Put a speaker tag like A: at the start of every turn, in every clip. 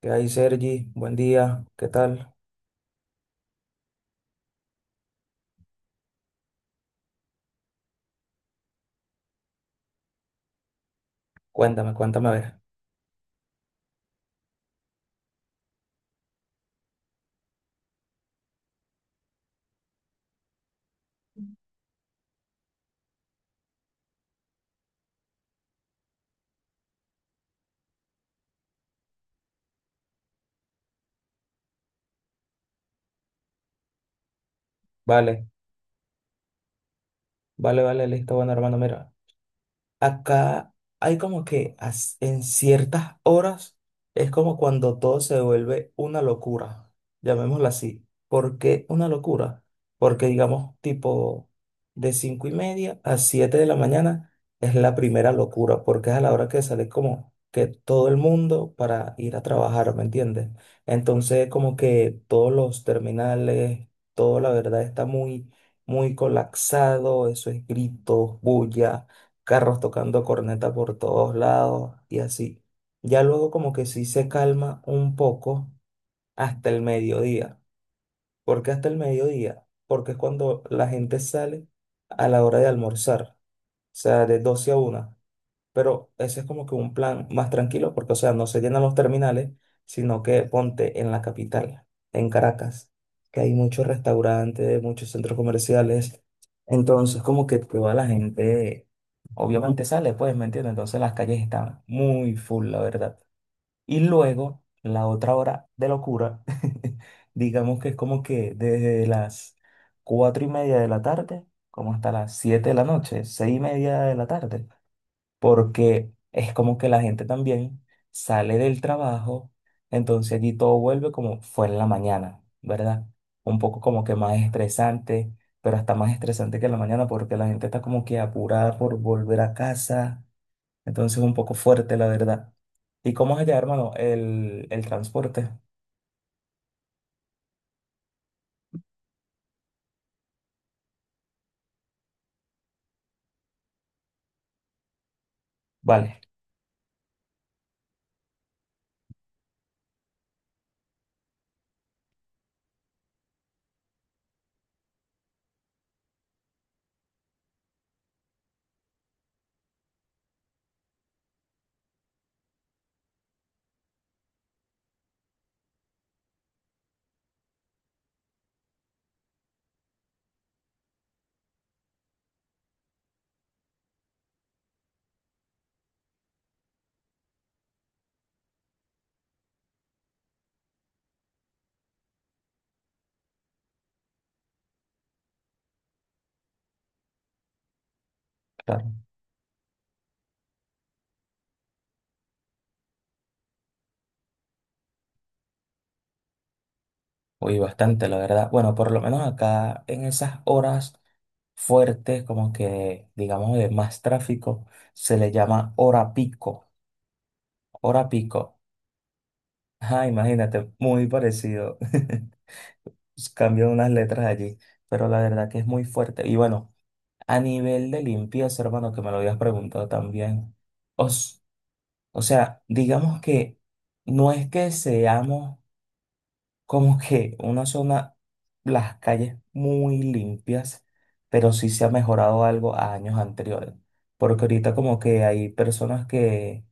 A: ¿Qué hay, Sergi? Buen día. ¿Qué tal? Cuéntame, cuéntame a ver. Vale, vale, vale, listo. Bueno, hermano, mira. Acá hay como que en ciertas horas es como cuando todo se vuelve una locura, llamémoslo así. ¿Por qué una locura? Porque digamos tipo de 5:30 a 7 de la mañana es la primera locura, porque es a la hora que sale como que todo el mundo para ir a trabajar, ¿me entiendes? Entonces como que todos los terminales, todo la verdad está muy, muy colapsado, eso es gritos, bulla, carros tocando corneta por todos lados y así. Ya luego como que sí se calma un poco hasta el mediodía. ¿Por qué hasta el mediodía? Porque es cuando la gente sale a la hora de almorzar, o sea, de 12 a 1, pero ese es como que un plan más tranquilo, porque, o sea, no se llenan los terminales, sino que ponte en la capital, en Caracas, que hay muchos restaurantes, muchos centros comerciales. Entonces, como que toda la gente obviamente sale, pues, ¿me entiendes? Entonces las calles están muy full, la verdad. Y luego, la otra hora de locura, digamos que es como que desde las 4:30 de la tarde, como hasta las 7 de la noche, 6:30 de la tarde, porque es como que la gente también sale del trabajo, entonces allí todo vuelve como fue en la mañana, ¿verdad? Un poco como que más estresante, pero hasta más estresante que en la mañana porque la gente está como que apurada por volver a casa, entonces un poco fuerte, la verdad. ¿Y cómo es allá, hermano, el transporte? Vale, claro. Uy, bastante, la verdad. Bueno, por lo menos acá en esas horas fuertes, como que digamos de más tráfico, se le llama hora pico. Hora pico. Ajá, imagínate, muy parecido. Cambian unas letras allí, pero la verdad que es muy fuerte. Y bueno, a nivel de limpieza, hermano, que me lo habías preguntado también. Os, o sea, digamos que no es que seamos como que una zona, las calles muy limpias, pero sí se ha mejorado algo a años anteriores. Porque ahorita como que hay personas que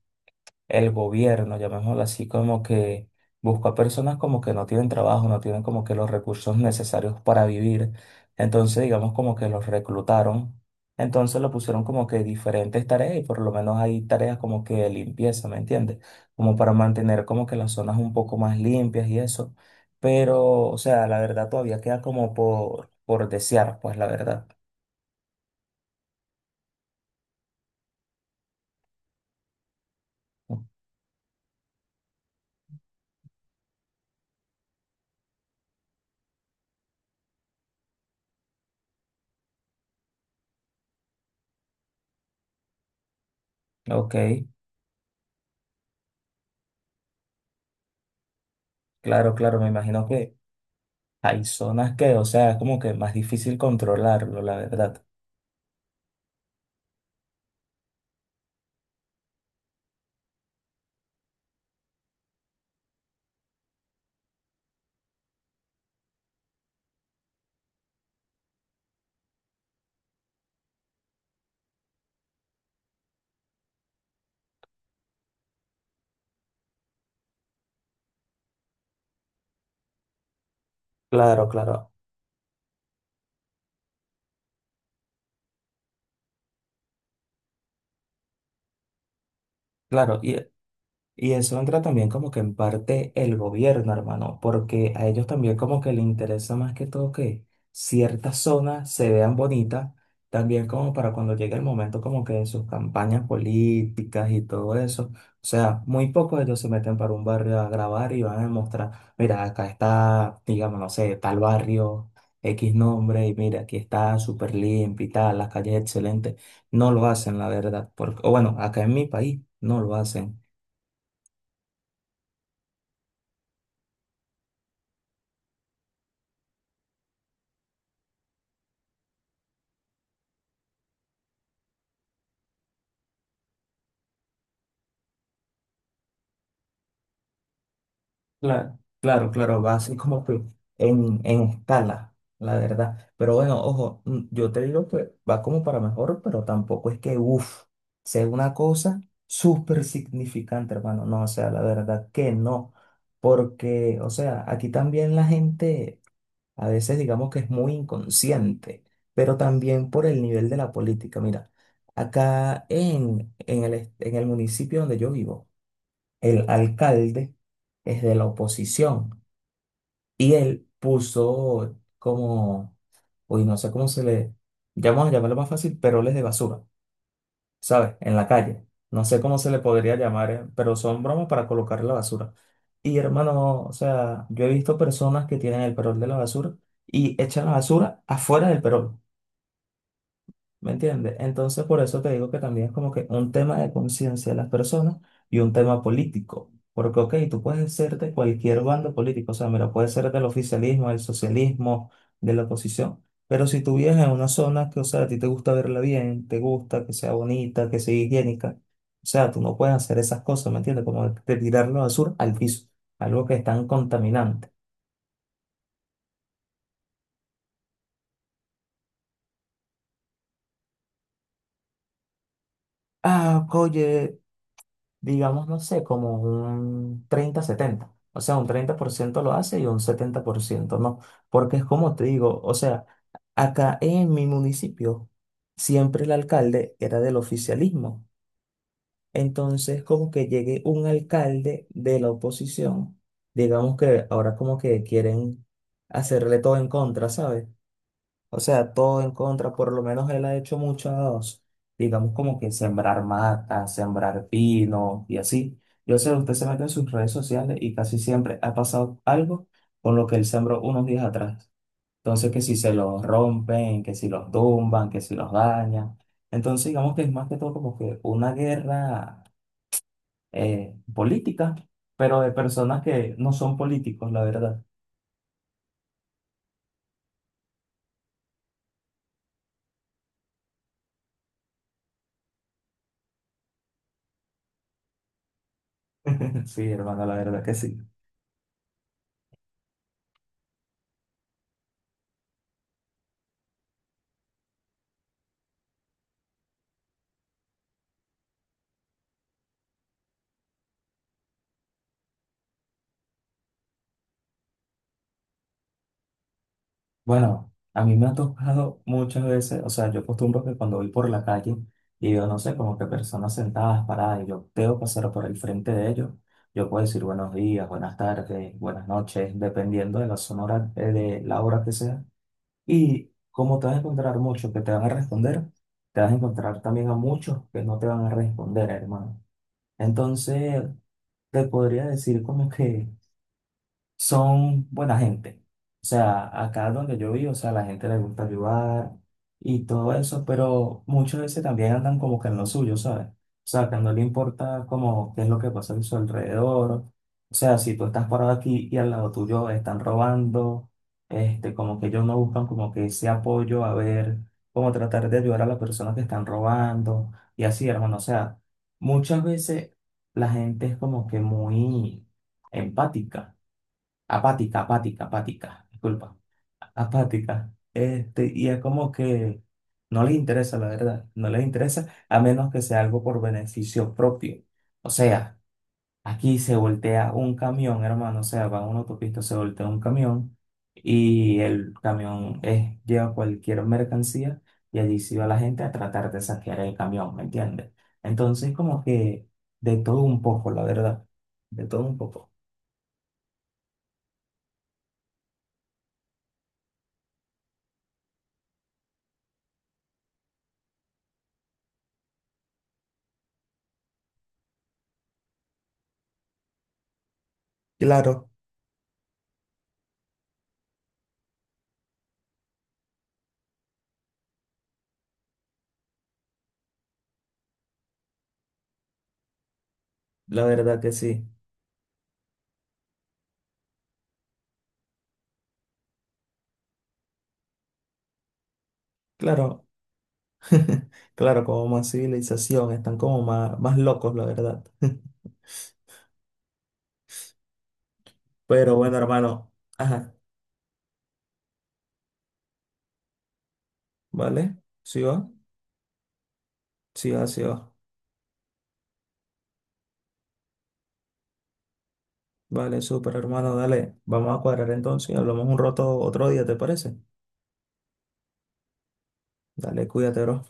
A: el gobierno, llamémoslo así, como que busca personas como que no tienen trabajo, no tienen como que los recursos necesarios para vivir. Entonces, digamos como que los reclutaron. Entonces lo pusieron como que diferentes tareas y por lo menos hay tareas como que de limpieza, ¿me entiendes? Como para mantener como que las zonas un poco más limpias y eso. Pero, o sea, la verdad todavía queda como por desear, pues, la verdad. Ok, claro, claro, me imagino que hay zonas que, o sea, es como que más difícil controlarlo, la verdad. Claro, claro, claro. Y eso entra también como que en parte el gobierno, hermano, porque a ellos también como que les interesa más que todo que ciertas zonas se vean bonitas, también como para cuando llegue el momento como que de sus campañas políticas y todo eso. O sea, muy pocos ellos se meten para un barrio a grabar y van a mostrar mira, acá está, digamos, no sé, tal barrio, X nombre, y mira, aquí está súper limpio y tal, las calles excelentes. No lo hacen, la verdad, porque, o bueno, acá en mi país no lo hacen. Claro, claro, claro, va así como que en escala, la verdad. Pero bueno, ojo, yo te digo que va como para mejor, pero tampoco es que, uff, sea una cosa súper significante, hermano. No, o sea, la verdad que no. Porque, o sea, aquí también la gente a veces digamos que es muy inconsciente, pero también por el nivel de la política. Mira, acá en el municipio donde yo vivo, el alcalde es de la oposición y él puso como, uy, no sé cómo se le, ya vamos a llamarlo más fácil, peroles de basura, ¿sabes? En la calle. No sé cómo se le podría llamar, pero son bromas para colocar la basura. Y hermano, o sea, yo he visto personas que tienen el perol de la basura y echan la basura afuera del perol. ¿Me entiendes? Entonces, por eso te digo que también es como que un tema de conciencia de las personas y un tema político. Porque, ok, tú puedes ser de cualquier bando político, o sea, mira, puedes ser del oficialismo, del socialismo, de la oposición. Pero si tú vives en una zona que, o sea, a ti te gusta verla bien, te gusta que sea bonita, que sea higiénica, o sea, tú no puedes hacer esas cosas, ¿me entiendes? Como de tirar la basura al piso, algo que es tan contaminante. Ah, oye, digamos, no sé, como un 30 70. O sea, un 30% lo hace y un 70% no. Porque es como te digo, o sea, acá en mi municipio siempre el alcalde era del oficialismo. Entonces, como que llegue un alcalde de la oposición, digamos que ahora como que quieren hacerle todo en contra, ¿sabes? O sea, todo en contra, por lo menos él ha hecho muchos, digamos como que sembrar matas, sembrar pino y así. Yo sé, usted se mete en sus redes sociales y casi siempre ha pasado algo con lo que él sembró unos días atrás. Entonces, que si se los rompen, que si los tumban, que si los dañan. Entonces, digamos que es más que todo como que una guerra política, pero de personas que no son políticos, la verdad. Sí, hermano, la verdad que sí. Bueno, a mí me ha tocado muchas veces, o sea, yo acostumbro que cuando voy por la calle y veo, no sé, como que personas sentadas, paradas, y yo tengo que pasar por el frente de ellos, yo puedo decir buenos días, buenas tardes, buenas noches, dependiendo de la zona, de la hora que sea. Y como te vas a encontrar muchos que te van a responder, te vas a encontrar también a muchos que no te van a responder, hermano. Entonces, te podría decir como que son buena gente. O sea, acá donde yo vivo, o sea, la gente le gusta ayudar y todo eso, pero muchas veces también andan como que en lo suyo, ¿sabes? O sea, que no le importa como qué es lo que pasa a su alrededor. O sea, si tú estás parado aquí y al lado tuyo están robando, este, como que ellos no buscan como que ese apoyo a ver, como tratar de ayudar a las personas que están robando y así, hermano. O sea, muchas veces la gente es como que muy empática apática, apática, apática, disculpa, apática. Este, y es como que no les interesa, la verdad, no les interesa a menos que sea algo por beneficio propio. O sea, aquí se voltea un camión, hermano, o sea, va a una autopista, se voltea un camión y el camión lleva cualquier mercancía y allí se va la gente a tratar de saquear el camión, ¿me entiendes? Entonces, como que de todo un poco, la verdad, de todo un poco. Claro, la verdad que sí. Claro, claro, como más civilización, están como más, más locos, la verdad. Pero bueno, hermano, ajá, ¿vale? ¿Sí va? Sí va, sí va. Vale, súper, hermano, dale, vamos a cuadrar entonces y hablamos un rato otro día, ¿te parece? Dale, cuídate, bro.